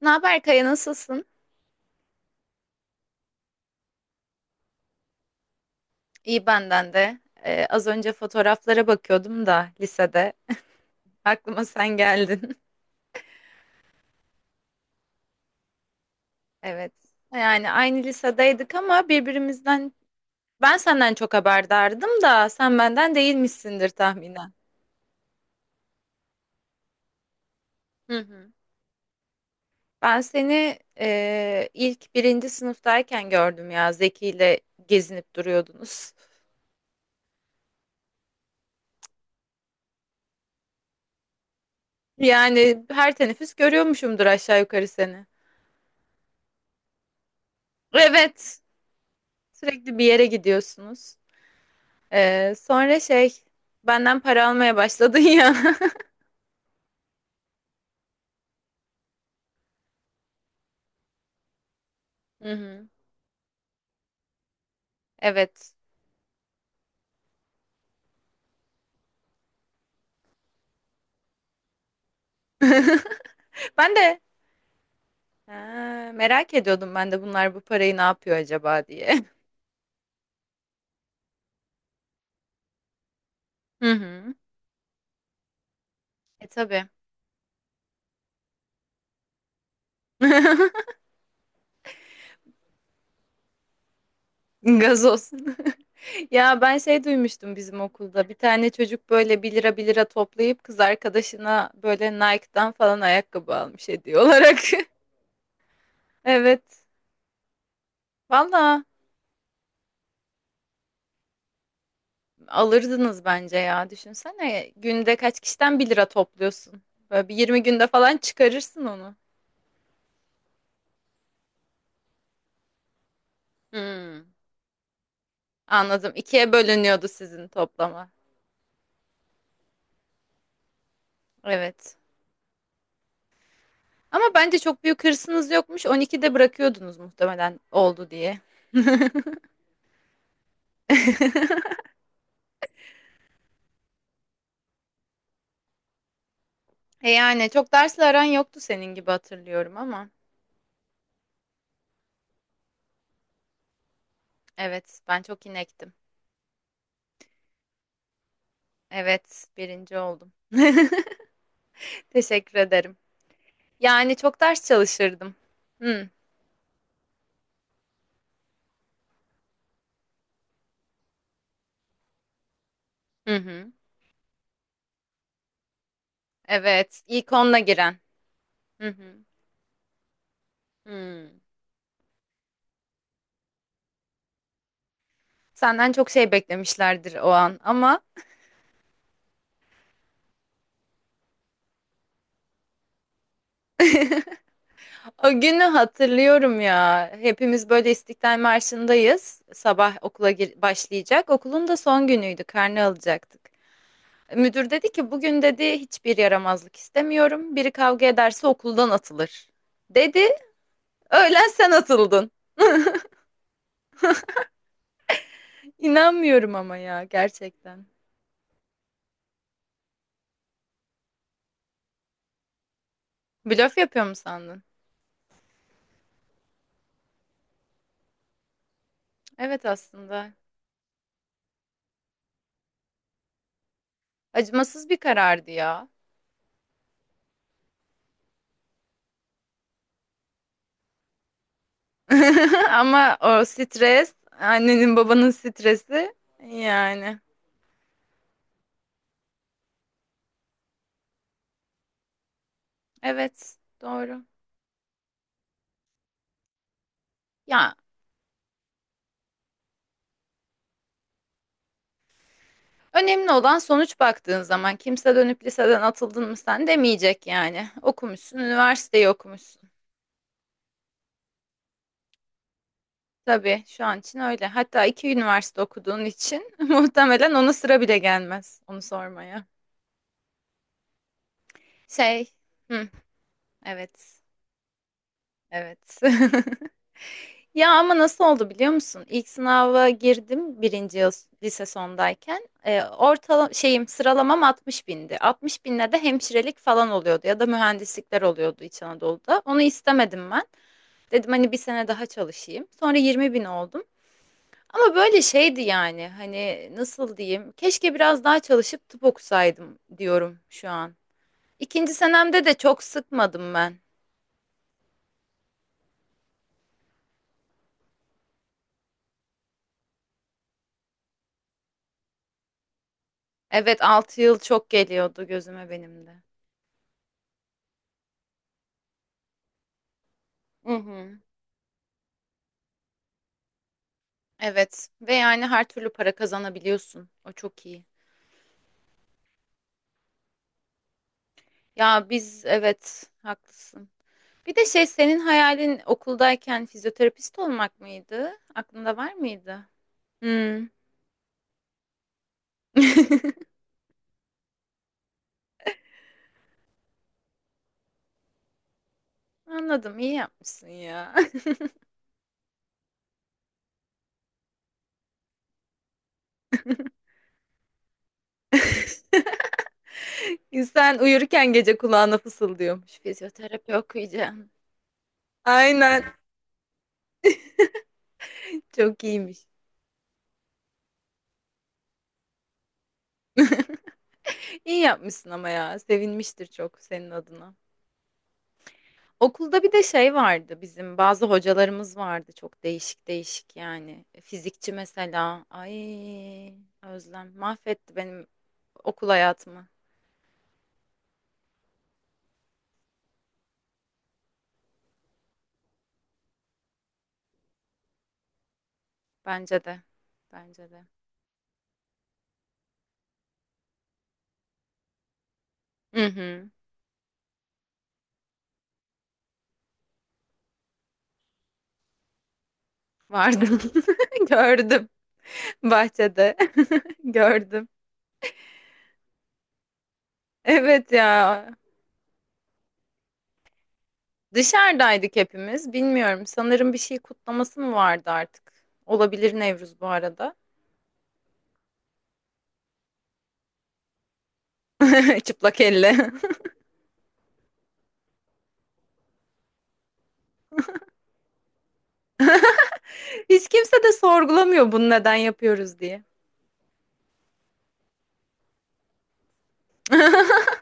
Ne haber Kaya, nasılsın? İyi benden de. Az önce fotoğraflara bakıyordum da lisede. Aklıma sen geldin. Evet. Yani aynı lisedeydik ama birbirimizden ben senden çok haberdardım da sen benden değilmişsindir tahminen. Hı hı. Ben seni ilk birinci sınıftayken gördüm ya, Zeki ile gezinip duruyordunuz. Yani her teneffüs görüyormuşumdur aşağı yukarı seni. Evet. Sürekli bir yere gidiyorsunuz. Sonra benden para almaya başladın ya. Hı hı. Evet. Ben de ha, merak ediyordum, ben de bunlar bu parayı ne yapıyor acaba diye. Hı hı. E tabii. Gazoz. Ya ben şey duymuştum bizim okulda. Bir tane çocuk böyle 1 lira 1 lira toplayıp kız arkadaşına böyle Nike'dan falan ayakkabı almış hediye olarak. Evet. Valla. Alırdınız bence ya. Düşünsene, günde kaç kişiden bir lira topluyorsun. Böyle bir 20 günde falan çıkarırsın onu. Hmm, anladım. İkiye bölünüyordu sizin toplama. Evet. Ama bence çok büyük hırsınız yokmuş. 12'de bırakıyordunuz muhtemelen, oldu diye. E yani çok dersle aran yoktu senin, gibi hatırlıyorum ama. Evet, ben çok inektim. Evet, birinci oldum. Teşekkür ederim. Yani çok ders çalışırdım. Hı, hı hı. Evet, ilk onla giren. Hı hı. Hmm. Senden çok şey beklemişlerdir o an ama o günü hatırlıyorum ya. Hepimiz böyle İstiklal Marşı'ndayız. Sabah okula gir- başlayacak. Okulun da son günüydü. Karne alacaktık. Müdür dedi ki bugün dedi hiçbir yaramazlık istemiyorum. Biri kavga ederse okuldan atılır. Dedi. Öğlen sen atıldın. İnanmıyorum ama ya, gerçekten. Blöf yapıyor mu sandın? Evet, aslında. Acımasız bir karardı ya. Ama o stres, annenin babanın stresi yani. Evet, doğru. Ya önemli olan sonuç, baktığın zaman kimse dönüp liseden atıldın mı sen demeyecek yani. Okumuşsun, üniversiteyi okumuşsun. Tabii şu an için öyle. Hatta iki üniversite okuduğun için muhtemelen ona sıra bile gelmez onu sormaya. Şey, hı, evet, evet. Ya ama nasıl oldu biliyor musun? İlk sınava girdim birinci yıl, lise sondayken. Ortala şeyim, sıralamam 60 bindi. 60 binle de hemşirelik falan oluyordu ya da mühendislikler oluyordu İç Anadolu'da. Onu istemedim ben. Dedim hani bir sene daha çalışayım. Sonra 20 bin oldum. Ama böyle şeydi yani, hani nasıl diyeyim? Keşke biraz daha çalışıp tıp okusaydım diyorum şu an. İkinci senemde de çok sıkmadım ben. Evet, 6 yıl çok geliyordu gözüme benim de. Evet ve yani her türlü para kazanabiliyorsun. O çok iyi. Ya biz, evet haklısın. Bir de şey, senin hayalin okuldayken fizyoterapist olmak mıydı? Aklında var mıydı? Hmm. Anladım, iyi yapmışsın ya. İnsan uyurken gece kulağına fısıldıyormuş. Fizyoterapi okuyacağım. Aynen, çok iyiymiş. İyi yapmışsın, ama ya sevinmiştir çok senin adına. Okulda bir de şey vardı, bizim bazı hocalarımız vardı çok değişik değişik yani. Fizikçi mesela. Ay, Özlem mahvetti benim okul hayatımı. Bence de. Bence de. Hı hı. Vardı. Gördüm. Bahçede. Gördüm. Evet ya. Dışarıdaydık hepimiz. Bilmiyorum. Sanırım bir şey kutlaması mı vardı artık? Olabilir Nevruz, bu arada. Çıplak elle. Hiç kimse de sorgulamıyor bunu neden yapıyoruz diye.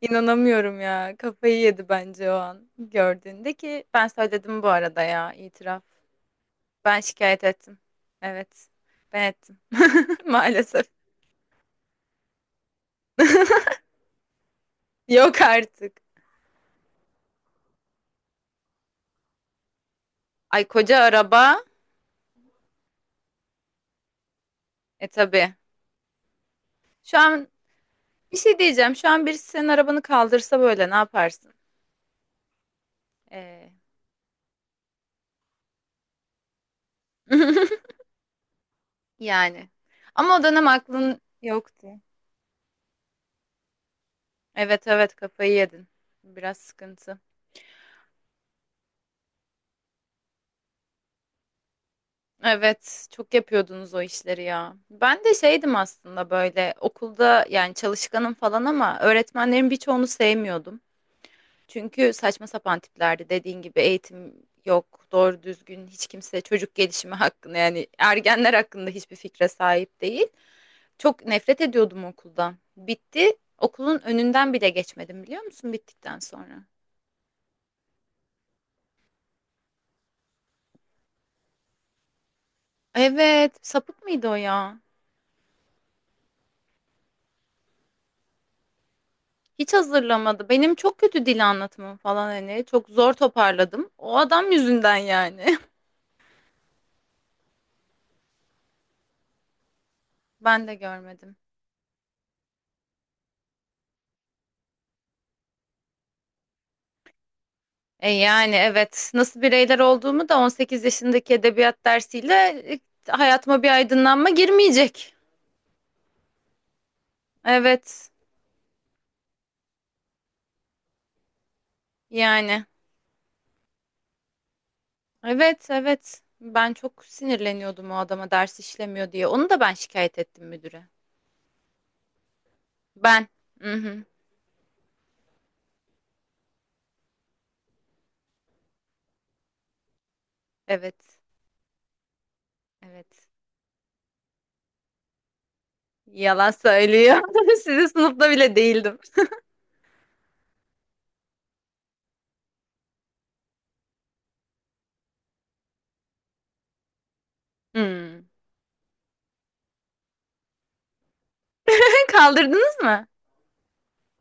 İnanamıyorum ya. Kafayı yedi bence o an gördüğünde, ki ben söyledim bu arada ya, itiraf. Ben şikayet ettim. Evet. Ben ettim. Maalesef. Yok artık. Ay koca araba. E tabii. Şu an bir şey diyeceğim. Şu an birisi senin arabanı kaldırsa böyle ne yaparsın? Ee, yani. Ama o dönem aklın yoktu. Evet evet, kafayı yedin. Biraz sıkıntı. Evet, çok yapıyordunuz o işleri ya. Ben de şeydim aslında böyle okulda, yani çalışkanım falan ama öğretmenlerin birçoğunu sevmiyordum. Çünkü saçma sapan tiplerdi, dediğin gibi eğitim yok, doğru düzgün hiç kimse çocuk gelişimi hakkında yani ergenler hakkında hiçbir fikre sahip değil. Çok nefret ediyordum okuldan. Bitti, okulun önünden bile geçmedim biliyor musun bittikten sonra? Evet, sapık mıydı o ya? Hiç hazırlamadı. Benim çok kötü dil anlatımım falan hani. Çok zor toparladım. O adam yüzünden yani. Ben de görmedim. E yani evet. Nasıl bireyler olduğumu da 18 yaşındaki edebiyat dersiyle e, hayatıma bir aydınlanma girmeyecek. Evet. Yani. Evet, evet. Ben çok sinirleniyordum o adama ders işlemiyor diye. Onu da ben şikayet ettim müdüre. Ben. Mhm. Evet. Evet. Yalan söylüyor. Sizin sınıfta bile değildim. Hmm. Kaldırdınız mı?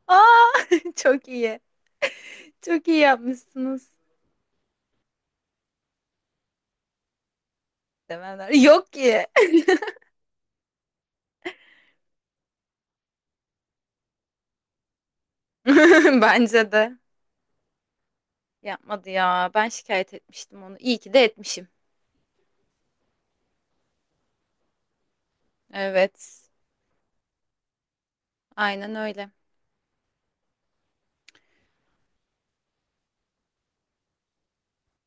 Aa, çok iyi. Çok iyi yapmışsınız. Demeler. Yok ki. Bence de. Yapmadı ya. Ben şikayet etmiştim onu. İyi ki de etmişim. Evet. Aynen öyle.